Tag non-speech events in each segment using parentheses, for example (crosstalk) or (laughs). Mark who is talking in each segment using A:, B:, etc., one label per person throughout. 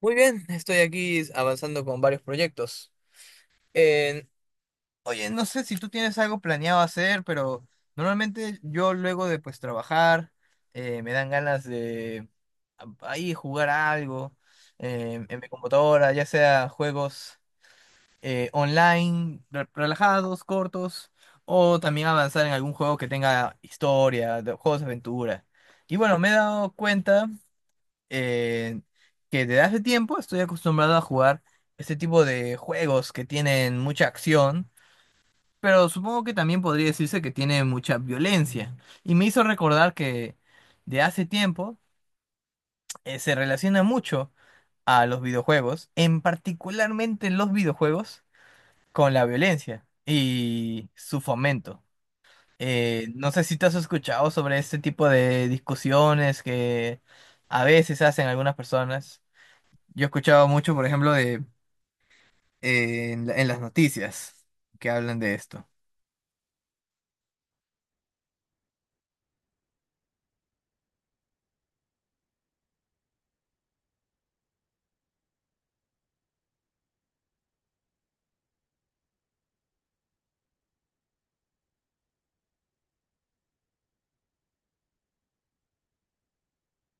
A: Muy bien, estoy aquí avanzando con varios proyectos. En- Oye, no sé si tú tienes algo planeado hacer, pero normalmente yo luego de pues trabajar me dan ganas de ahí jugar algo en mi computadora, ya sea juegos online, relajados, cortos, o también avanzar en algún juego que tenga historia, juegos de aventura. Y bueno, me he dado cuenta eh, que desde hace tiempo estoy acostumbrado a jugar este tipo de juegos que tienen mucha acción, pero supongo que también podría decirse que tiene mucha violencia. Y me hizo recordar que de hace tiempo se relaciona mucho a los videojuegos, en particularmente los videojuegos, con la violencia y su fomento. No sé si te has escuchado sobre este tipo de discusiones que a veces hacen algunas personas. Yo he escuchado mucho, por ejemplo, de en las noticias que hablan de esto.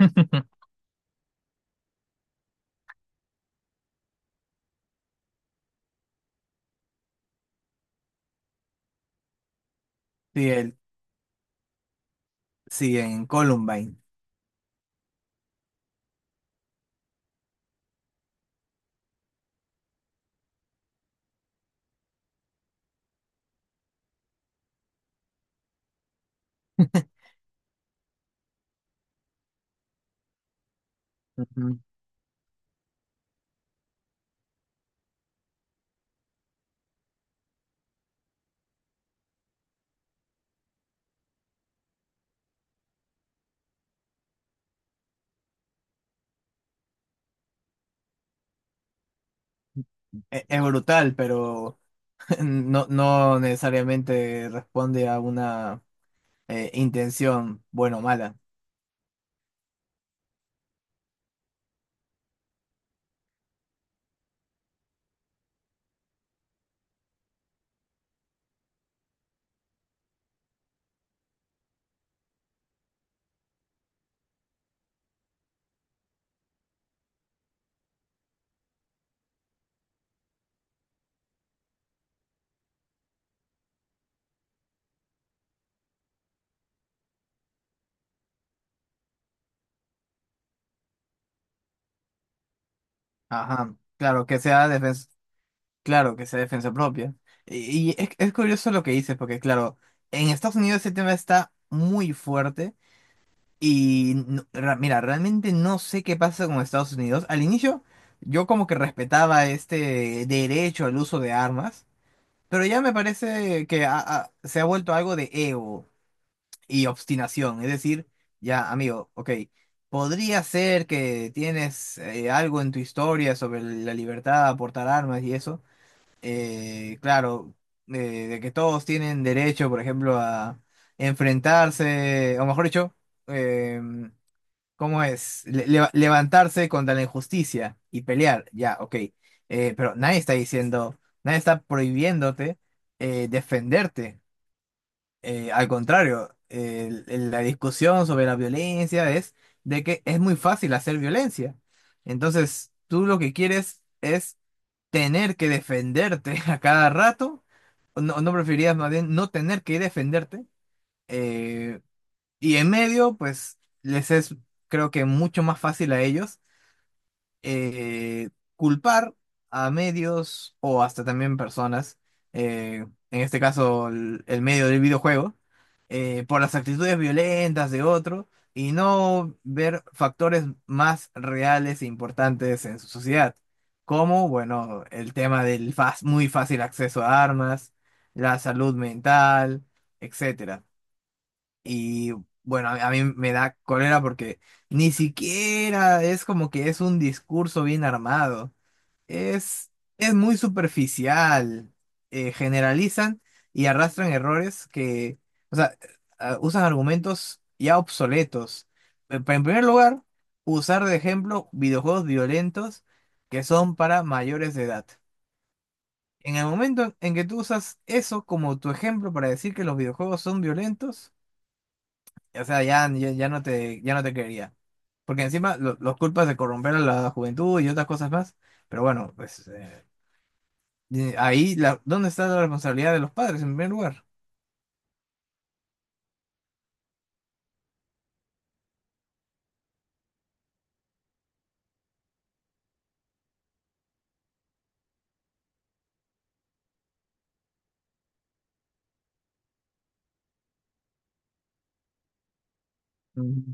A: (laughs) Sí, sí, en Columbine. Ujú. Es brutal, pero (laughs) no, no necesariamente responde a una intención buena o mala. Ajá. Claro, que sea defensa, claro, que sea defensa propia. Y es curioso lo que dices, porque claro, en Estados Unidos ese tema está muy fuerte. Y mira, realmente no sé qué pasa con Estados Unidos. Al inicio yo como que respetaba este derecho al uso de armas, pero ya me parece que se ha vuelto algo de ego y obstinación. Es decir, ya amigo, ok, podría ser que tienes algo en tu historia sobre la libertad a portar armas y eso. Claro, eh, de que todos tienen derecho, por ejemplo, a enfrentarse, o mejor dicho, em, ¿cómo es? Levantarse contra la injusticia y pelear, ya, ok. Pero nadie está diciendo, nadie está prohibiéndote defenderte. Al contrario, la discusión sobre la violencia es de que es muy fácil hacer violencia. Entonces, tú lo que quieres es tener que defenderte (laughs) a cada rato. ¿O no, no preferirías más bien no tener que defenderte? eh, y en medio, pues les es, creo que mucho más fácil a ellos eh, culpar a medios o hasta también personas, en este caso el medio del videojuego, por las actitudes violentas de otro y no ver factores más reales e importantes en su sociedad, como, bueno, el tema del muy fácil acceso a armas, la salud mental, etc. Y bueno, a mí me da cólera porque ni siquiera es como que es un discurso bien armado. Es, es muy superficial. Generalizan y arrastran errores que, o sea, usan argumentos ya obsoletos. En primer lugar, usar de ejemplo videojuegos violentos que son para mayores de edad. En el momento en que tú usas eso como tu ejemplo para decir que los videojuegos son violentos, o sea, ya, ya, ya no te quería. Porque encima los culpas de corromper a la juventud y otras cosas más. Pero bueno, pues ahí, ¿dónde está la responsabilidad de los padres en primer lugar? Ujú.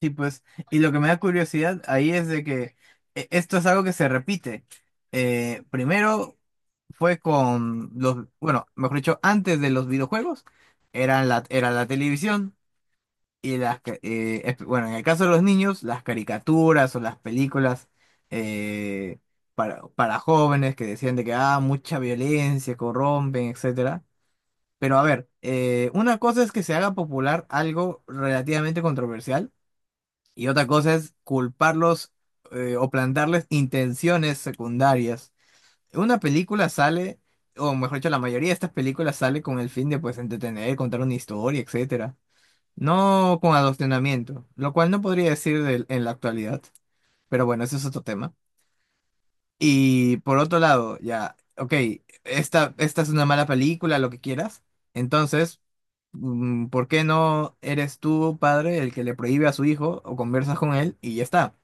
A: Sí, pues, y lo que me da curiosidad ahí es de que esto es algo que se repite. Primero fue con los, bueno, mejor dicho, antes de los videojuegos, era la televisión. Y bueno, en el caso de los niños, las caricaturas o las películas eh, para jóvenes que decían de que, ah, mucha violencia, corrompen, etcétera. Pero a ver, una cosa es que se haga popular algo relativamente controversial y otra cosa es culparlos, o plantarles intenciones secundarias. Una película sale, o mejor dicho, la mayoría de estas películas sale con el fin de, pues, entretener, contar una historia, etcétera, no con adoctrinamiento, lo cual no podría decir en la actualidad, pero bueno, ese es otro tema. Y por otro lado, ya, ok, esta es una mala película, lo que quieras, entonces, ¿por qué no eres tú, padre, el que le prohíbe a su hijo o conversas con él y ya está?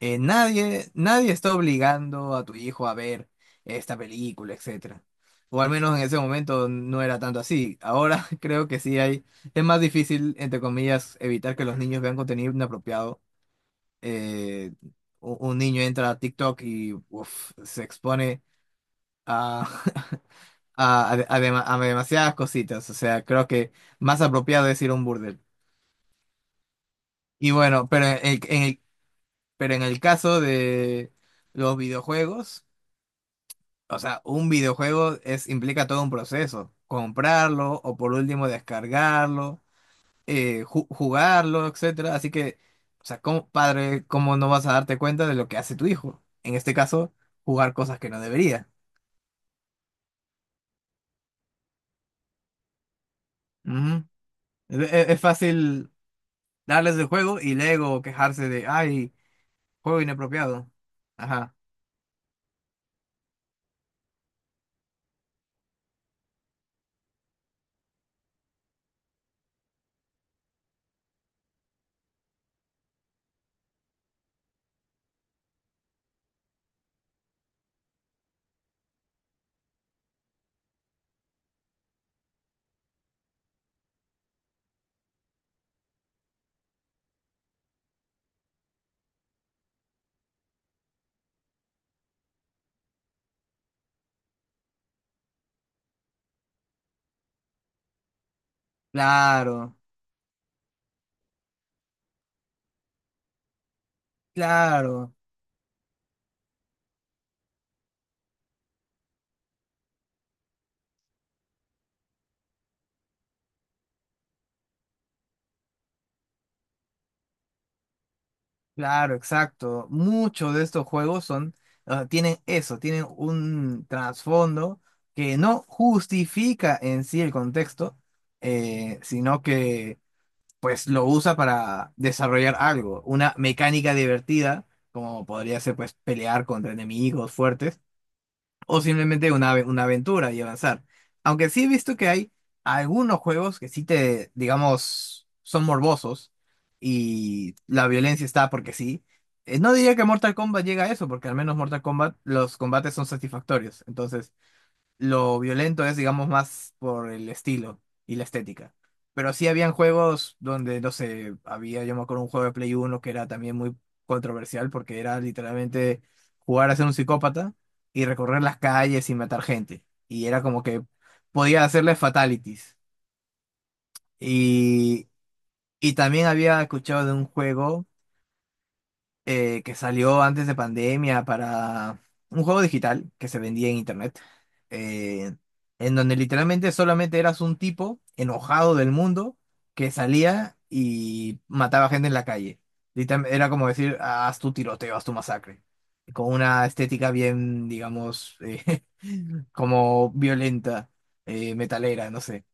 A: Nadie, nadie está obligando a tu hijo a ver esta película, etcétera. O al menos en ese momento no era tanto así. Ahora (laughs) creo que sí hay, es más difícil, entre comillas, evitar que los niños vean contenido inapropiado. Eh, un niño entra a TikTok y uf, se expone a, (laughs) a, de- a dema- a demasiadas cositas. O sea, creo que más apropiado es ir a un burdel. Y bueno, pero en el caso de los videojuegos. O sea, un videojuego implica todo un proceso. Comprarlo o por último descargarlo, jugarlo, etcétera. Así que, o sea, como padre, ¿cómo no vas a darte cuenta de lo que hace tu hijo? En este caso, jugar cosas que no debería. Ujú. Es fácil darles el juego y luego quejarse de, ay, juego inapropiado. Ajá. Claro, claro. Claro, exacto. Muchos de estos juegos son, ah, tienen eso, tienen un trasfondo que no justifica en sí el contexto, sino que pues lo usa para desarrollar algo, una mecánica divertida, como podría ser pues pelear contra enemigos fuertes o simplemente una aventura y avanzar. Aunque sí he visto que hay algunos juegos que sí digamos, son morbosos y la violencia está porque sí. No diría que Mortal Kombat llega a eso, porque al menos Mortal Kombat los combates son satisfactorios. Entonces, lo violento es, digamos, más por el estilo y la estética. Pero sí habían juegos donde, no sé, había, yo me acuerdo, un juego de Play uno que era también muy controversial porque era literalmente jugar a ser un psicópata y recorrer las calles y matar gente. Y era como que podía hacerle fatalities. Y, y también había escuchado de un juego que salió antes de pandemia, para un juego digital que se vendía en internet, eh, en donde literalmente solamente eras un tipo enojado del mundo que salía y mataba gente en la calle. Era como decir: "Ah, haz tu tiroteo, haz tu masacre", con una estética bien, digamos, (laughs) como violenta, metalera, no sé.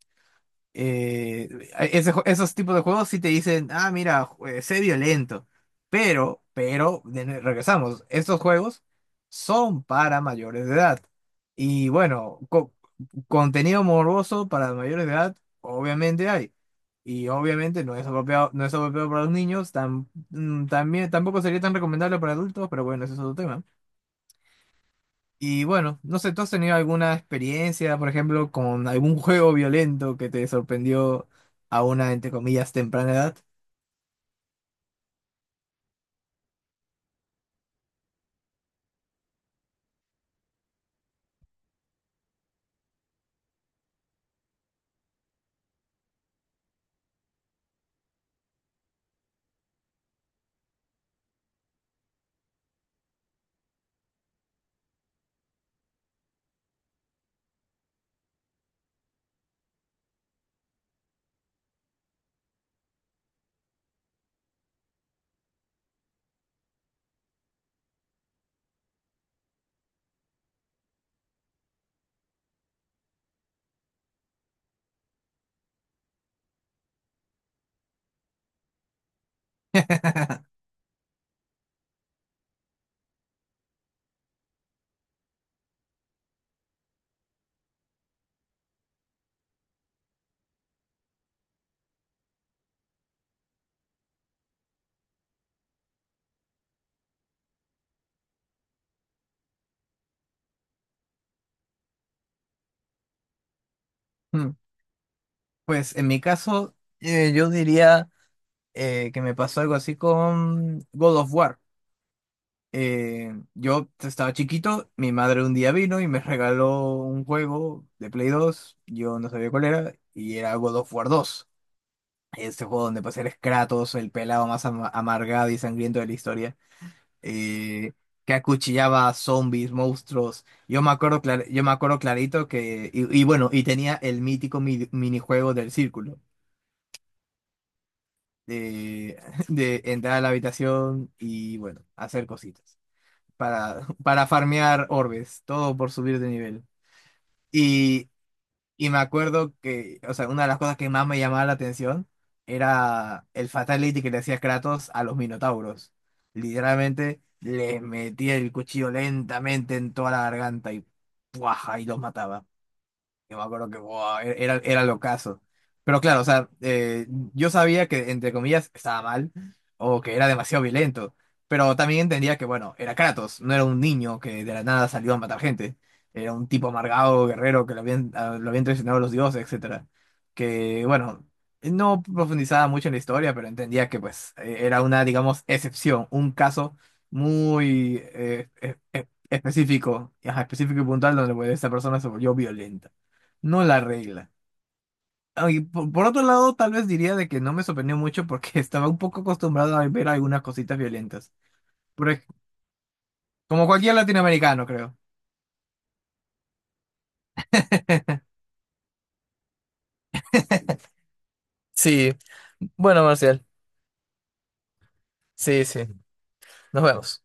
A: eh, Esos tipos de juegos sí te dicen, ah, mira, sé violento. Pero, regresamos, estos juegos son para mayores de edad. Y bueno, contenido morboso para mayores de edad, obviamente hay. Y obviamente no es apropiado, no es apropiado para los niños, tampoco sería tan recomendable para adultos, pero bueno, ese es otro tema. Y bueno, no sé, ¿tú has tenido alguna experiencia, por ejemplo, con algún juego violento que te sorprendió a una, entre comillas, temprana edad? (laughs) Hmm, Pues en mi caso, yo diría, que me pasó algo así con God of War. Yo estaba chiquito, mi madre un día vino y me regaló un juego de Play 2, yo no sabía cuál era, y era God of War 2. Este juego donde pasé el Kratos, el pelado más amargado y sangriento de la historia, eh, que acuchillaba zombies, monstruos. Yo me acuerdo clarito que, y bueno, y tenía el mítico minijuego del círculo, de, (laughs) de entrar a la habitación y bueno, hacer cositas (laughs) para farmear orbes, todo por subir de nivel. Y me acuerdo que, o sea, una de las cosas que más me llamaba la atención era el fatality que le hacía Kratos a los Minotauros. Literalmente les metía el cuchillo lentamente en toda la garganta y ¡puaja! Y los mataba. Yo me acuerdo que buah, era lo caso. Pero claro, o sea, yo sabía que, entre comillas, estaba mal o que era demasiado violento. Pero también entendía que, bueno, era Kratos, no era un niño que de la nada salió a matar gente. Era un tipo amargado, guerrero, que lo habían traicionado los dioses, etcétera. Que, bueno, no profundizaba mucho en la historia, pero entendía que, pues, era una, digamos, excepción, un caso muy específico, ajá, específico y puntual donde, pues, esta persona se volvió violenta. No la regla. Ah, y por otro lado, tal vez diría de que no me sorprendió mucho porque (laughs) estaba un poco acostumbrado a ver algunas cositas violentas. Por ej- Como cualquier latinoamericano, creo. (laughs) Sí. Bueno, Marcial. Sí, sí. Nos vemos.